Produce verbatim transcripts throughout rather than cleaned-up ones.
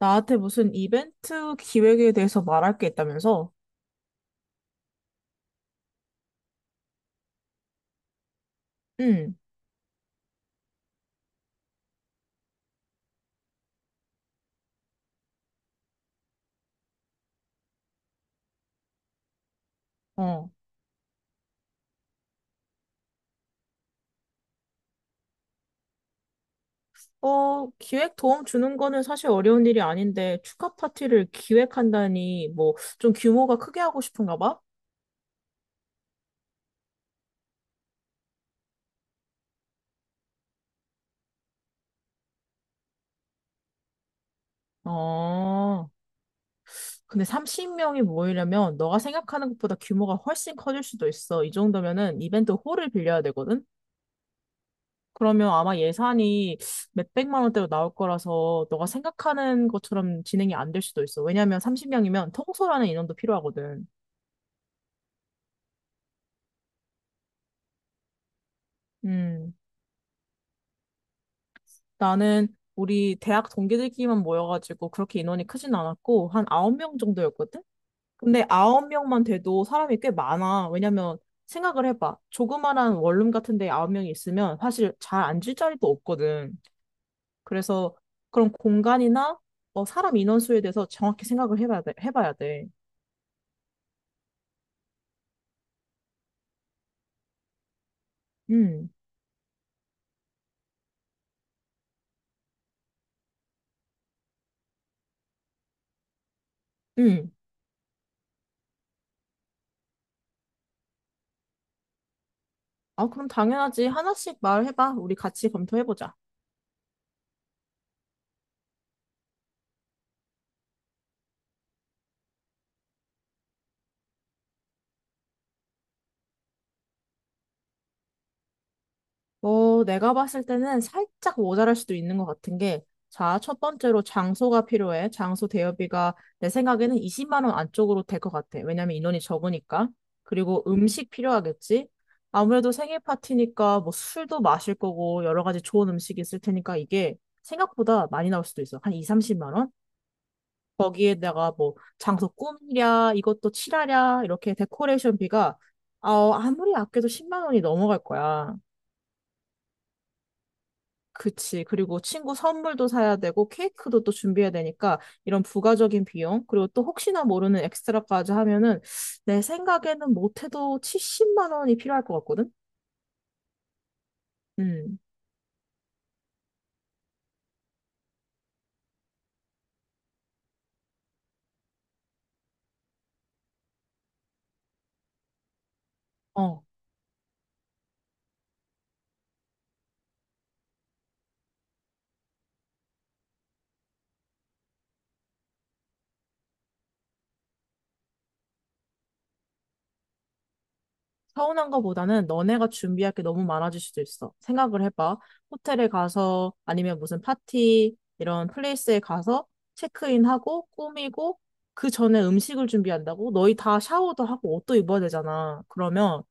나한테 무슨 이벤트 기획에 대해서 말할 게 있다면서? 응, 어. 어, 기획 도움 주는 거는 사실 어려운 일이 아닌데, 축하 파티를 기획한다니, 뭐, 좀 규모가 크게 하고 싶은가 봐? 어, 근데 삼십 명이 모이려면, 너가 생각하는 것보다 규모가 훨씬 커질 수도 있어. 이 정도면은 이벤트 홀을 빌려야 되거든? 그러면 아마 예산이 몇백만 원대로 나올 거라서, 너가 생각하는 것처럼 진행이 안 될 수도 있어. 왜냐면 삼십 명이면 통솔하는 인원도 필요하거든. 음, 나는 우리 대학 동기들끼리만 모여가지고 그렇게 인원이 크진 않았고, 한 아홉 명 정도였거든? 근데 아홉 명만 돼도 사람이 꽤 많아. 왜냐면 생각을 해봐. 조그만한 원룸 같은 데 아홉 명이 있으면 사실 잘 앉을 자리도 없거든. 그래서 그런 공간이나 어, 사람 인원수에 대해서 정확히 생각을 해봐야 돼. 해봐야 돼. 음, 음. 아, 그럼 당연하지. 하나씩 말해봐. 우리 같이 검토해보자. 어, 내가 봤을 때는 살짝 모자랄 수도 있는 것 같은 게, 자, 첫 번째로 장소가 필요해. 장소 대여비가 내 생각에는 이십만 원 안쪽으로 될 것 같아. 왜냐면 인원이 적으니까. 그리고 음식 필요하겠지? 아무래도 생일 파티니까 뭐 술도 마실 거고 여러 가지 좋은 음식이 있을 테니까 이게 생각보다 많이 나올 수도 있어. 한 이, 삼십만 원? 거기에다가 뭐 장소 꾸미랴, 이것도 칠하랴, 이렇게 데코레이션비가 어, 아무리 아껴도 십만 원이 넘어갈 거야. 그치. 그리고 친구 선물도 사야 되고, 케이크도 또 준비해야 되니까, 이런 부가적인 비용, 그리고 또 혹시나 모르는 엑스트라까지 하면은, 내 생각에는 못해도 칠십만 원이 필요할 것 같거든? 음, 어. 서운한 거보다는 너네가 준비할 게 너무 많아질 수도 있어. 생각을 해봐. 호텔에 가서, 아니면 무슨 파티, 이런 플레이스에 가서, 체크인하고, 꾸미고, 그 전에 음식을 준비한다고? 너희 다 샤워도 하고, 옷도 입어야 되잖아. 그러면,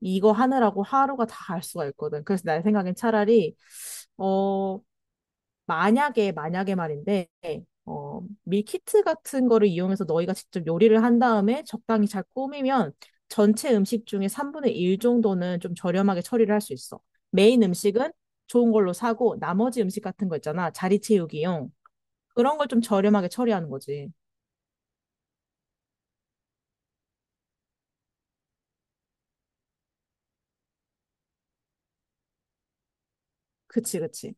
이거 하느라고 하루가 다 갈 수가 있거든. 그래서 내 생각엔 차라리, 어, 만약에, 만약에 말인데, 어, 밀키트 같은 거를 이용해서 너희가 직접 요리를 한 다음에 적당히 잘 꾸미면 전체 음식 중에 삼분의 일 정도는 좀 저렴하게 처리를 할 수 있어. 메인 음식은 좋은 걸로 사고 나머지 음식 같은 거 있잖아. 자리 채우기용. 그런 걸 좀 저렴하게 처리하는 거지. 그치, 그치.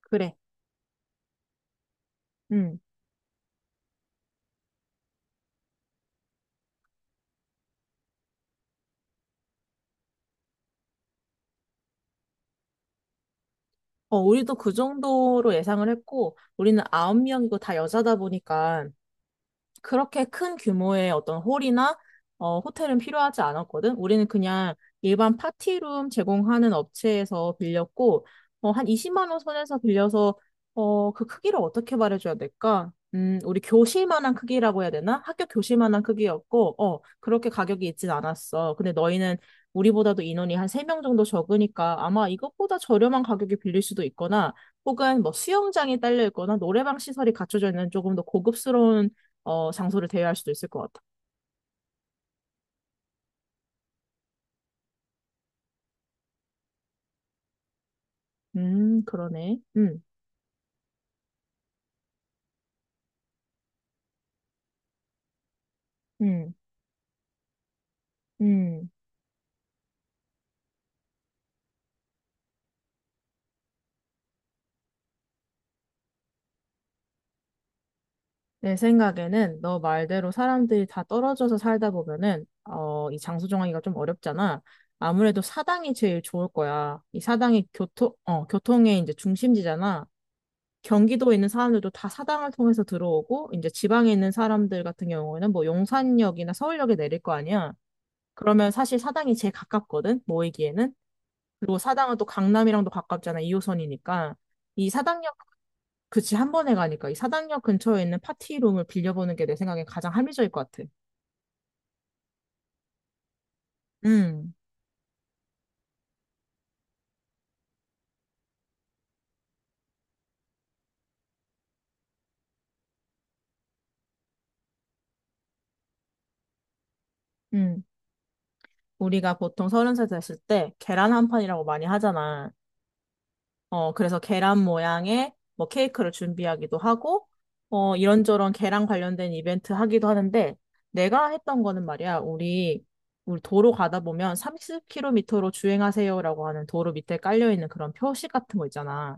그래. 음. 어, 우리도 그 정도로 예상을 했고, 우리는 아홉 명이고 다 여자다 보니까 그렇게 큰 규모의 어떤 홀이나 어, 호텔은 필요하지 않았거든. 우리는 그냥 일반 파티룸 제공하는 업체에서 빌렸고, 어, 한 이십만 원 선에서 빌려서 어, 그 크기를 어떻게 말해줘야 될까? 음, 우리 교실만한 크기라고 해야 되나? 학교 교실만한 크기였고, 어, 그렇게 가격이 있진 않았어. 근데 너희는 우리보다도 인원이 한 세 명 정도 적으니까 아마 이것보다 저렴한 가격에 빌릴 수도 있거나, 혹은 뭐 수영장이 딸려 있거나 노래방 시설이 갖춰져 있는 조금 더 고급스러운 어, 장소를 대여할 수도 있을 것 같아. 음, 그러네. 음, 음, 음. 내 생각에는 너 말대로 사람들이 다 떨어져서 살다 보면은, 어, 이 장소 정하기가 좀 어렵잖아. 아무래도 사당이 제일 좋을 거야. 이 사당이 교통, 어, 교통의 이제 중심지잖아. 경기도에 있는 사람들도 다 사당을 통해서 들어오고, 이제 지방에 있는 사람들 같은 경우에는 뭐 용산역이나 서울역에 내릴 거 아니야. 그러면 사실 사당이 제일 가깝거든, 모이기에는. 그리고 사당은 또 강남이랑도 가깝잖아. 이호선이니까. 이 사당역, 그치, 한 번에 가니까. 이 사당역 근처에 있는 파티룸을 빌려보는 게 내 생각엔 가장 합리적일 것 같아. 음, 음, 우리가 보통 서른 살 됐을 때 계란 한 판이라고 많이 하잖아. 어, 그래서 계란 모양의 뭐 케이크를 준비하기도 하고, 어, 이런저런 계란 관련된 이벤트 하기도 하는데, 내가 했던 거는 말이야, 우리, 우리 도로 가다 보면 삼십 킬로미터로 주행하세요라고 하는 도로 밑에 깔려있는 그런 표식 같은 거 있잖아.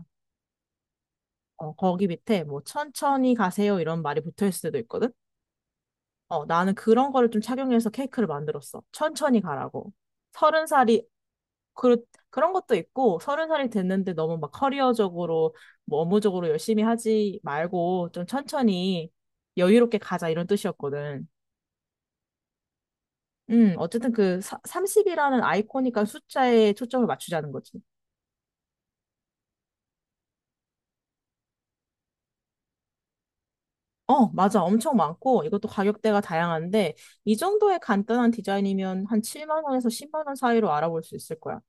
어, 거기 밑에 뭐 천천히 가세요 이런 말이 붙어 있을 수도 있거든. 어, 나는 그런 거를 좀 착용해서 케이크를 만들었어. 천천히 가라고. 서른 살이 그 그런 것도 있고 서른 살이 됐는데 너무 막 커리어적으로 뭐 업무적으로 열심히 하지 말고 좀 천천히 여유롭게 가자 이런 뜻이었거든. 음, 어쨌든 그 삼십이라는 아이코닉한 숫자에 초점을 맞추자는 거지. 어, 맞아. 엄청 많고 이것도 가격대가 다양한데 이 정도의 간단한 디자인이면 한 칠만 원에서 십만 원 사이로 알아볼 수 있을 거야.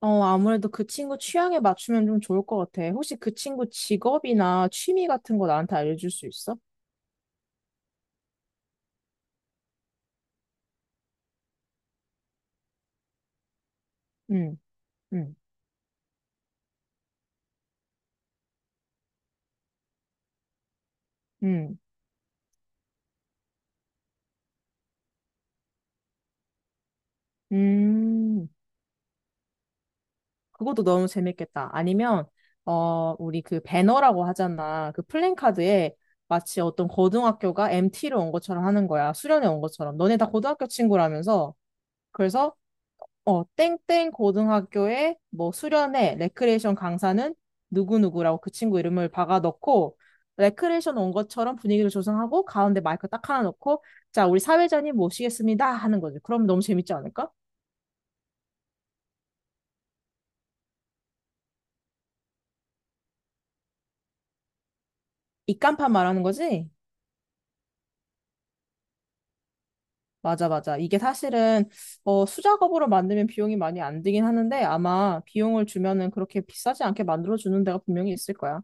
어, 아무래도 그 친구 취향에 맞추면 좀 좋을 것 같아. 혹시 그 친구 직업이나 취미 같은 거 나한테 알려줄 수 있어? 응, 응, 응, 음. 그것도 너무 재밌겠다. 아니면, 어, 우리 그 배너라고 하잖아. 그 플랜카드에 마치 어떤 고등학교가 엠티로 온 것처럼 하는 거야. 수련회 온 것처럼. 너네 다 고등학교 친구라면서. 서그래 어, 땡땡 고등학교의 뭐 수련회 레크레이션 강사는 누구누구라고 그 친구 이름을 박아 넣고 레크레이션 온 것처럼 분위기를 조성하고 가운데 마이크 딱 하나 넣고 자, 우리 사회자님 모시겠습니다 하는 거지. 그럼 너무 재밌지 않을까? 입간판 말하는 거지? 맞아, 맞아. 이게 사실은 어, 수작업으로 만들면 비용이 많이 안 들긴 하는데 아마 비용을 주면은 그렇게 비싸지 않게 만들어주는 데가 분명히 있을 거야.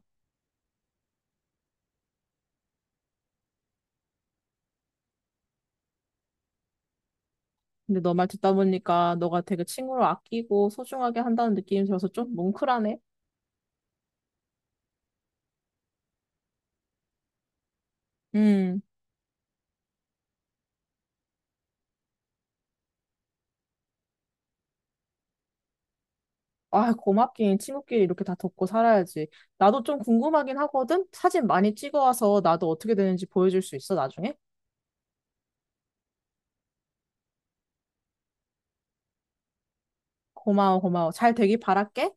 근데 너 말 듣다 보니까 너가 되게 친구를 아끼고 소중하게 한다는 느낌이 들어서 좀 뭉클하네. 음. 아, 고맙긴. 친구끼리 이렇게 다 덮고 살아야지. 나도 좀 궁금하긴 하거든? 사진 많이 찍어와서 나도 어떻게 되는지 보여줄 수 있어, 나중에? 고마워, 고마워. 잘 되길 바랄게.